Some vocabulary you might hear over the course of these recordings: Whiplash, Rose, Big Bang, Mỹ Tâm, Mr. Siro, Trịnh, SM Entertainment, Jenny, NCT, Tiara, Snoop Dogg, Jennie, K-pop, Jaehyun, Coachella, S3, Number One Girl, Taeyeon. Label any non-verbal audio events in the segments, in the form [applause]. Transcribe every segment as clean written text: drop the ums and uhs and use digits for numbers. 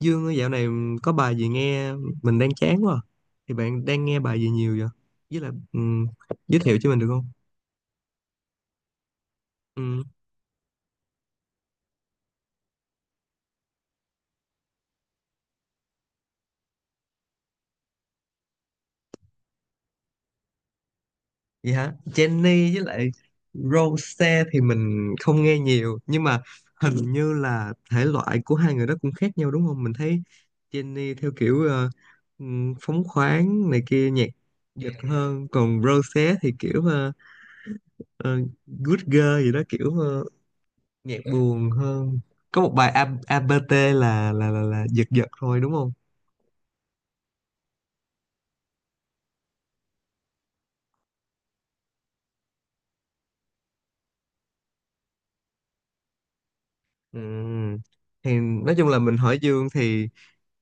Dương ơi, dạo này có bài gì nghe mình đang chán quá à. Thì bạn đang nghe bài gì nhiều vậy? Với lại giới thiệu cho mình được không? Ừm. Vậy hả? Jenny với lại Rose thì mình không nghe nhiều nhưng mà hình như là thể loại của hai người đó cũng khác nhau đúng không? Mình thấy Jenny theo kiểu phóng khoáng này kia, nhạc giật hơn, còn Rose thì kiểu ờ, good girl gì đó, kiểu nhạc buồn hơn. Có một bài ABT là giật giật thôi đúng không? Ừm. Thì nói chung là mình hỏi Dương, thì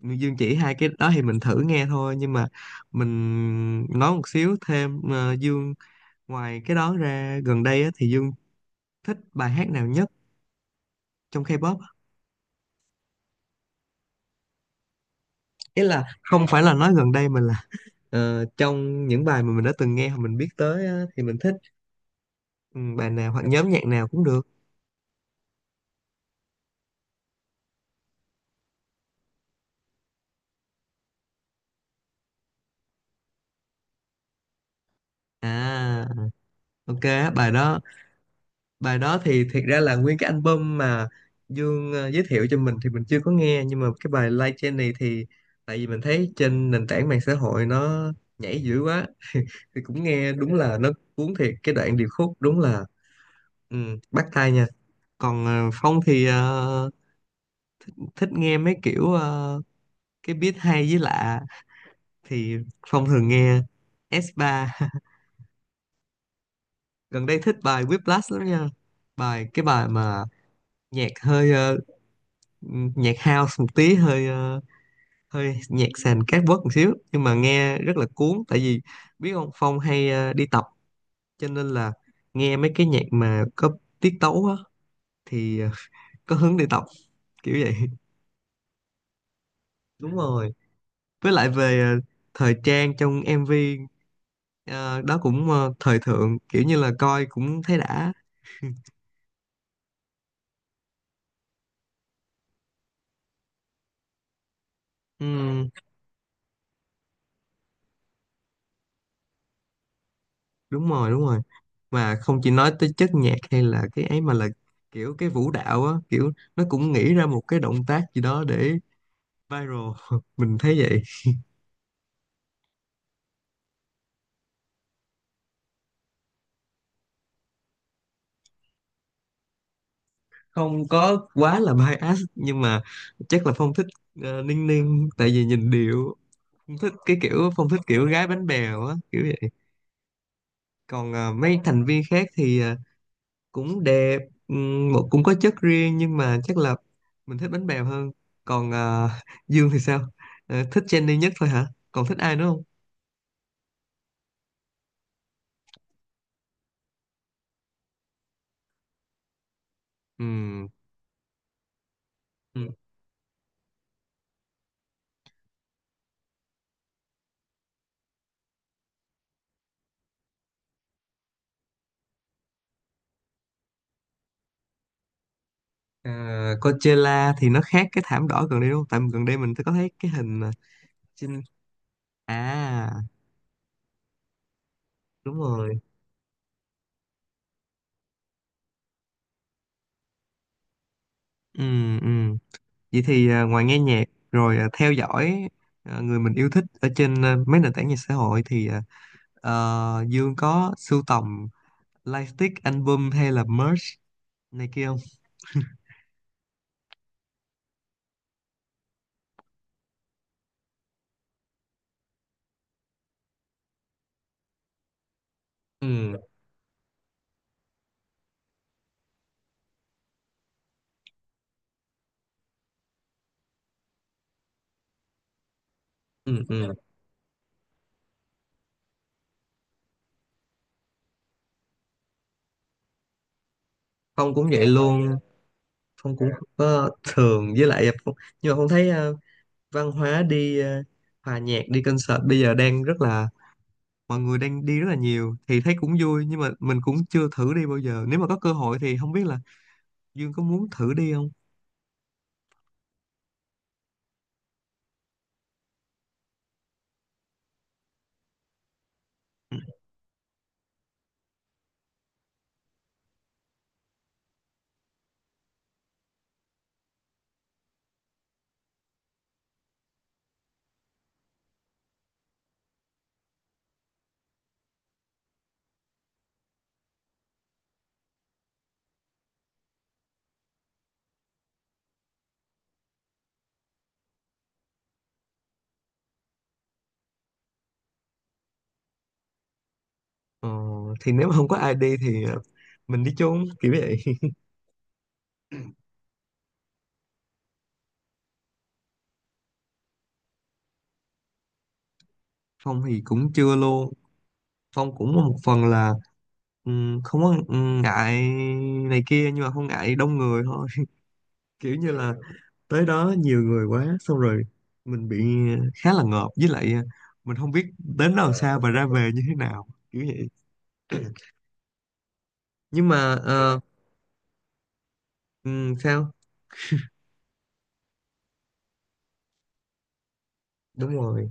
Dương chỉ hai cái đó thì mình thử nghe thôi, nhưng mà mình nói một xíu thêm Dương, ngoài cái đó ra gần đây á, thì Dương thích bài hát nào nhất trong K-pop á? Ý là không phải là nói gần đây mà là trong những bài mà mình đã từng nghe hoặc mình biết tới á, thì mình thích, ừ, bài nào hoặc nhóm nhạc nào cũng được. À, ok. Bài đó bài đó thì thiệt ra là nguyên cái album mà Dương giới thiệu cho mình thì mình chưa có nghe, nhưng mà cái bài Like Jenny thì tại vì mình thấy trên nền tảng mạng xã hội nó nhảy dữ quá, thì cũng nghe đúng là nó cuốn thiệt. Cái đoạn điệp khúc đúng là, ừ, bắt tai nha. Còn Phong thì thích nghe mấy kiểu cái beat hay với lạ, thì Phong thường nghe S3 [laughs] gần đây thích bài Whiplash lắm nha. Cái bài mà nhạc hơi nhạc house một tí, hơi hơi nhạc sàn cát bớt một xíu nhưng mà nghe rất là cuốn, tại vì biết không, Phong hay đi tập cho nên là nghe mấy cái nhạc mà có tiết tấu á, thì [laughs] có hứng đi tập kiểu vậy. Đúng rồi, với lại về thời trang trong MV ờ, đó cũng thời thượng, kiểu như là coi cũng thấy đã. Ừm. Đúng rồi, đúng rồi, mà không chỉ nói tới chất nhạc hay là cái ấy mà là kiểu cái vũ đạo á, kiểu nó cũng nghĩ ra một cái động tác gì đó để viral [laughs] mình thấy vậy. Không có quá là bias nhưng mà chắc là Phong thích Ninh Ninh, tại vì nhìn điệu. Phong thích cái kiểu, Phong thích kiểu gái bánh bèo á, kiểu vậy. Còn mấy thành viên khác thì cũng đẹp, một cũng có chất riêng nhưng mà chắc là mình thích bánh bèo hơn. Còn [laughs] Dương thì sao? Ờ, thích Jennie nhất thôi hả? Còn thích ai nữa không? Ừm. Ừm. Ờ, Coachella thì nó khác cái thảm đỏ gần đây đúng không? Tại gần đây mình có thấy cái hình mà trên à. Đúng rồi. Ừ, ừ. Vậy thì ngoài nghe nhạc rồi, theo dõi, người mình yêu thích ở trên mấy nền tảng mạng xã hội thì, Dương có sưu tầm lightstick, album hay là merch này kia không? Ừ, ừ, ừ. Phong cũng vậy luôn. Phong cũng không có thường với lại Phong, nhưng mà Phong thấy văn hóa đi hòa nhạc, đi concert bây giờ đang rất là, mọi người đang đi rất là nhiều, thì thấy cũng vui nhưng mà mình cũng chưa thử đi bao giờ. Nếu mà có cơ hội thì không biết là Dương có muốn thử đi không? Ừ. Ờ, thì nếu mà không có ai đi thì mình đi chung kiểu vậy [laughs] Phong thì cũng chưa luôn. Phong cũng một phần là không có ngại này kia nhưng mà không ngại đông người thôi [laughs] kiểu như là tới đó nhiều người quá xong rồi mình bị khá là ngợp, với lại mình không biết đến đâu sao và ra về như thế nào kiểu vậy. [clears throat] Nhưng mà sao. Đúng rồi,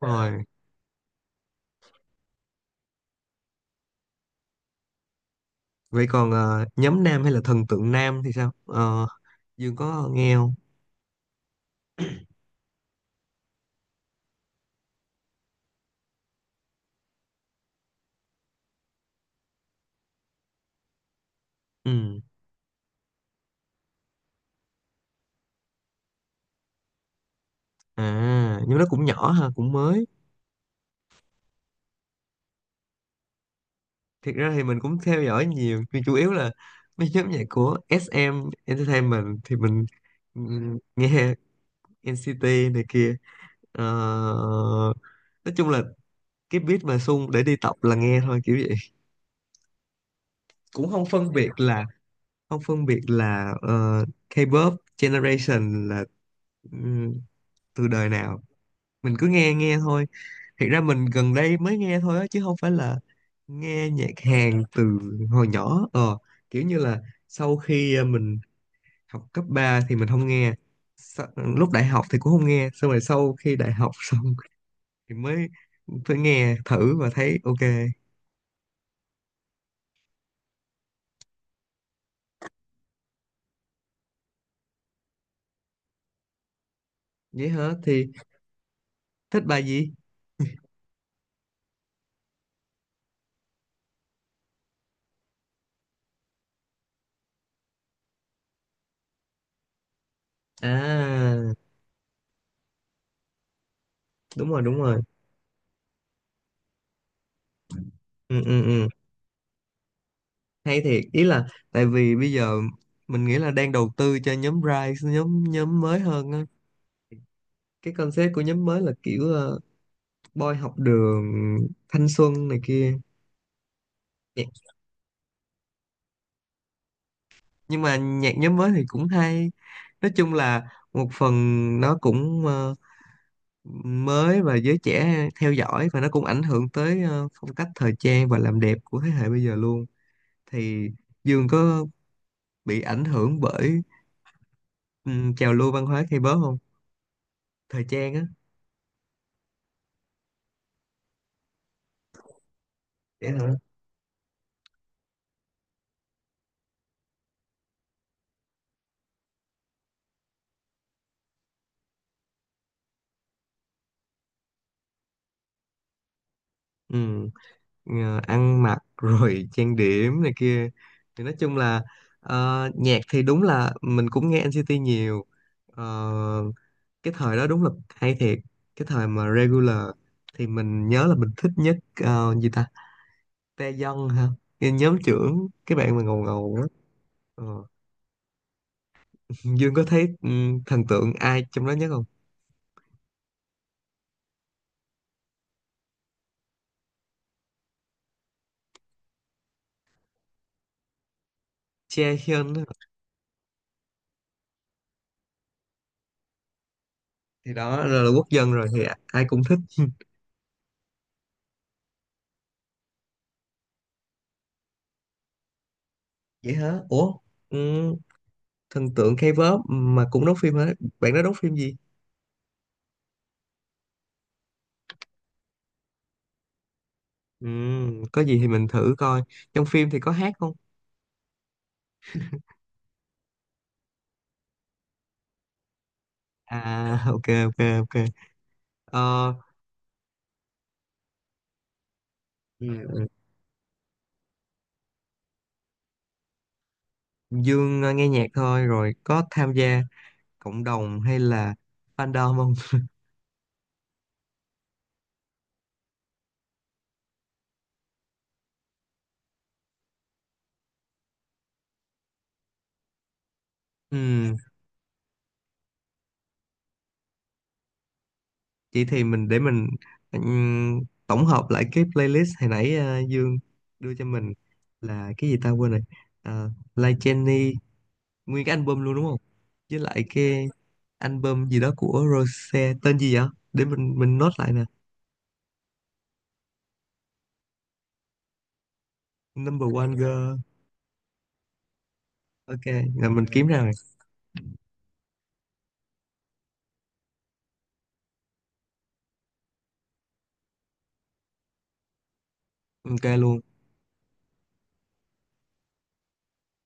đúng rồi. Vậy còn nhóm nam hay là thần tượng nam thì sao? Ờ, Dương có nghe không? Ừ. À, nhưng nó cũng nhỏ ha, cũng mới. Thiệt ra thì mình cũng theo dõi nhiều, nhưng chủ yếu là mấy nhóm nhạc của SM Entertainment thì mình, nghe NCT này kia. Ờ, nói chung là cái beat mà sung để đi tập là nghe thôi kiểu vậy. Cũng không phân biệt là, K-pop generation là, ừm, từ đời nào. Mình cứ nghe nghe thôi. Thiệt ra mình gần đây mới nghe thôi á, chứ không phải là nghe nhạc Hàn từ hồi nhỏ ờ, kiểu như là sau khi mình học cấp 3 thì mình không nghe. Lúc đại học thì cũng không nghe, xong rồi sau khi đại học [laughs] xong thì mới, mới nghe thử và thấy ok. Vậy hả, thì thích bài gì? À, đúng rồi, đúng rồi. Ừ, ừ, ừ. Hay thiệt. Ý là tại vì bây giờ mình nghĩ là đang đầu tư cho nhóm Rise, nhóm nhóm mới hơn á. Cái concept của nhóm mới là kiểu Boy học đường, thanh xuân này kia. Nhạc- nhưng mà nhạc nhóm mới thì cũng hay, nói chung là một phần nó cũng mới và giới trẻ theo dõi, và nó cũng ảnh hưởng tới phong cách thời trang và làm đẹp của thế hệ bây giờ luôn. Thì Dương có bị ảnh hưởng bởi trào lưu văn hóa K-pop không? Thời trang á. Vậy hả? Ừ. Ờ, ăn mặc rồi [laughs] trang điểm này kia. Thì nói chung là nhạc thì đúng là mình cũng nghe NCT nhiều. Ờ, cái thời đó đúng là hay thiệt. Cái thời mà regular thì mình nhớ là mình thích nhất gì ta, Taeyeon ha, cái nhóm trưởng, cái bạn mà ngầu ngầu đó. Ờ. Dương có thấy, ừ, thần tượng ai trong đó nhất không? Jaehyun á. Thì đó là quốc dân rồi thì ai cũng thích. Vậy hả, ủa? Ừ, thần tượng K-pop mà cũng đóng phim hả? Bạn đó đóng phim gì? Ừ, có gì thì mình thử coi. Trong phim thì có hát không? À, [laughs] ok, ok, ok. Ờ, ừ, ừ. Dương nghe nhạc thôi, rồi có tham gia cộng đồng hay là fandom không? [laughs] Ừ, vậy thì mình để mình ừm, tổng hợp lại cái playlist hồi nãy Dương đưa cho mình là cái gì ta quên rồi. Like Jenny, nguyên cái album luôn đúng không? Với lại cái album gì đó của Rose, tên gì vậy? Để mình note lại nè. Number One Girl. Ok, rồi mình kiếm ra rồi. Ok luôn.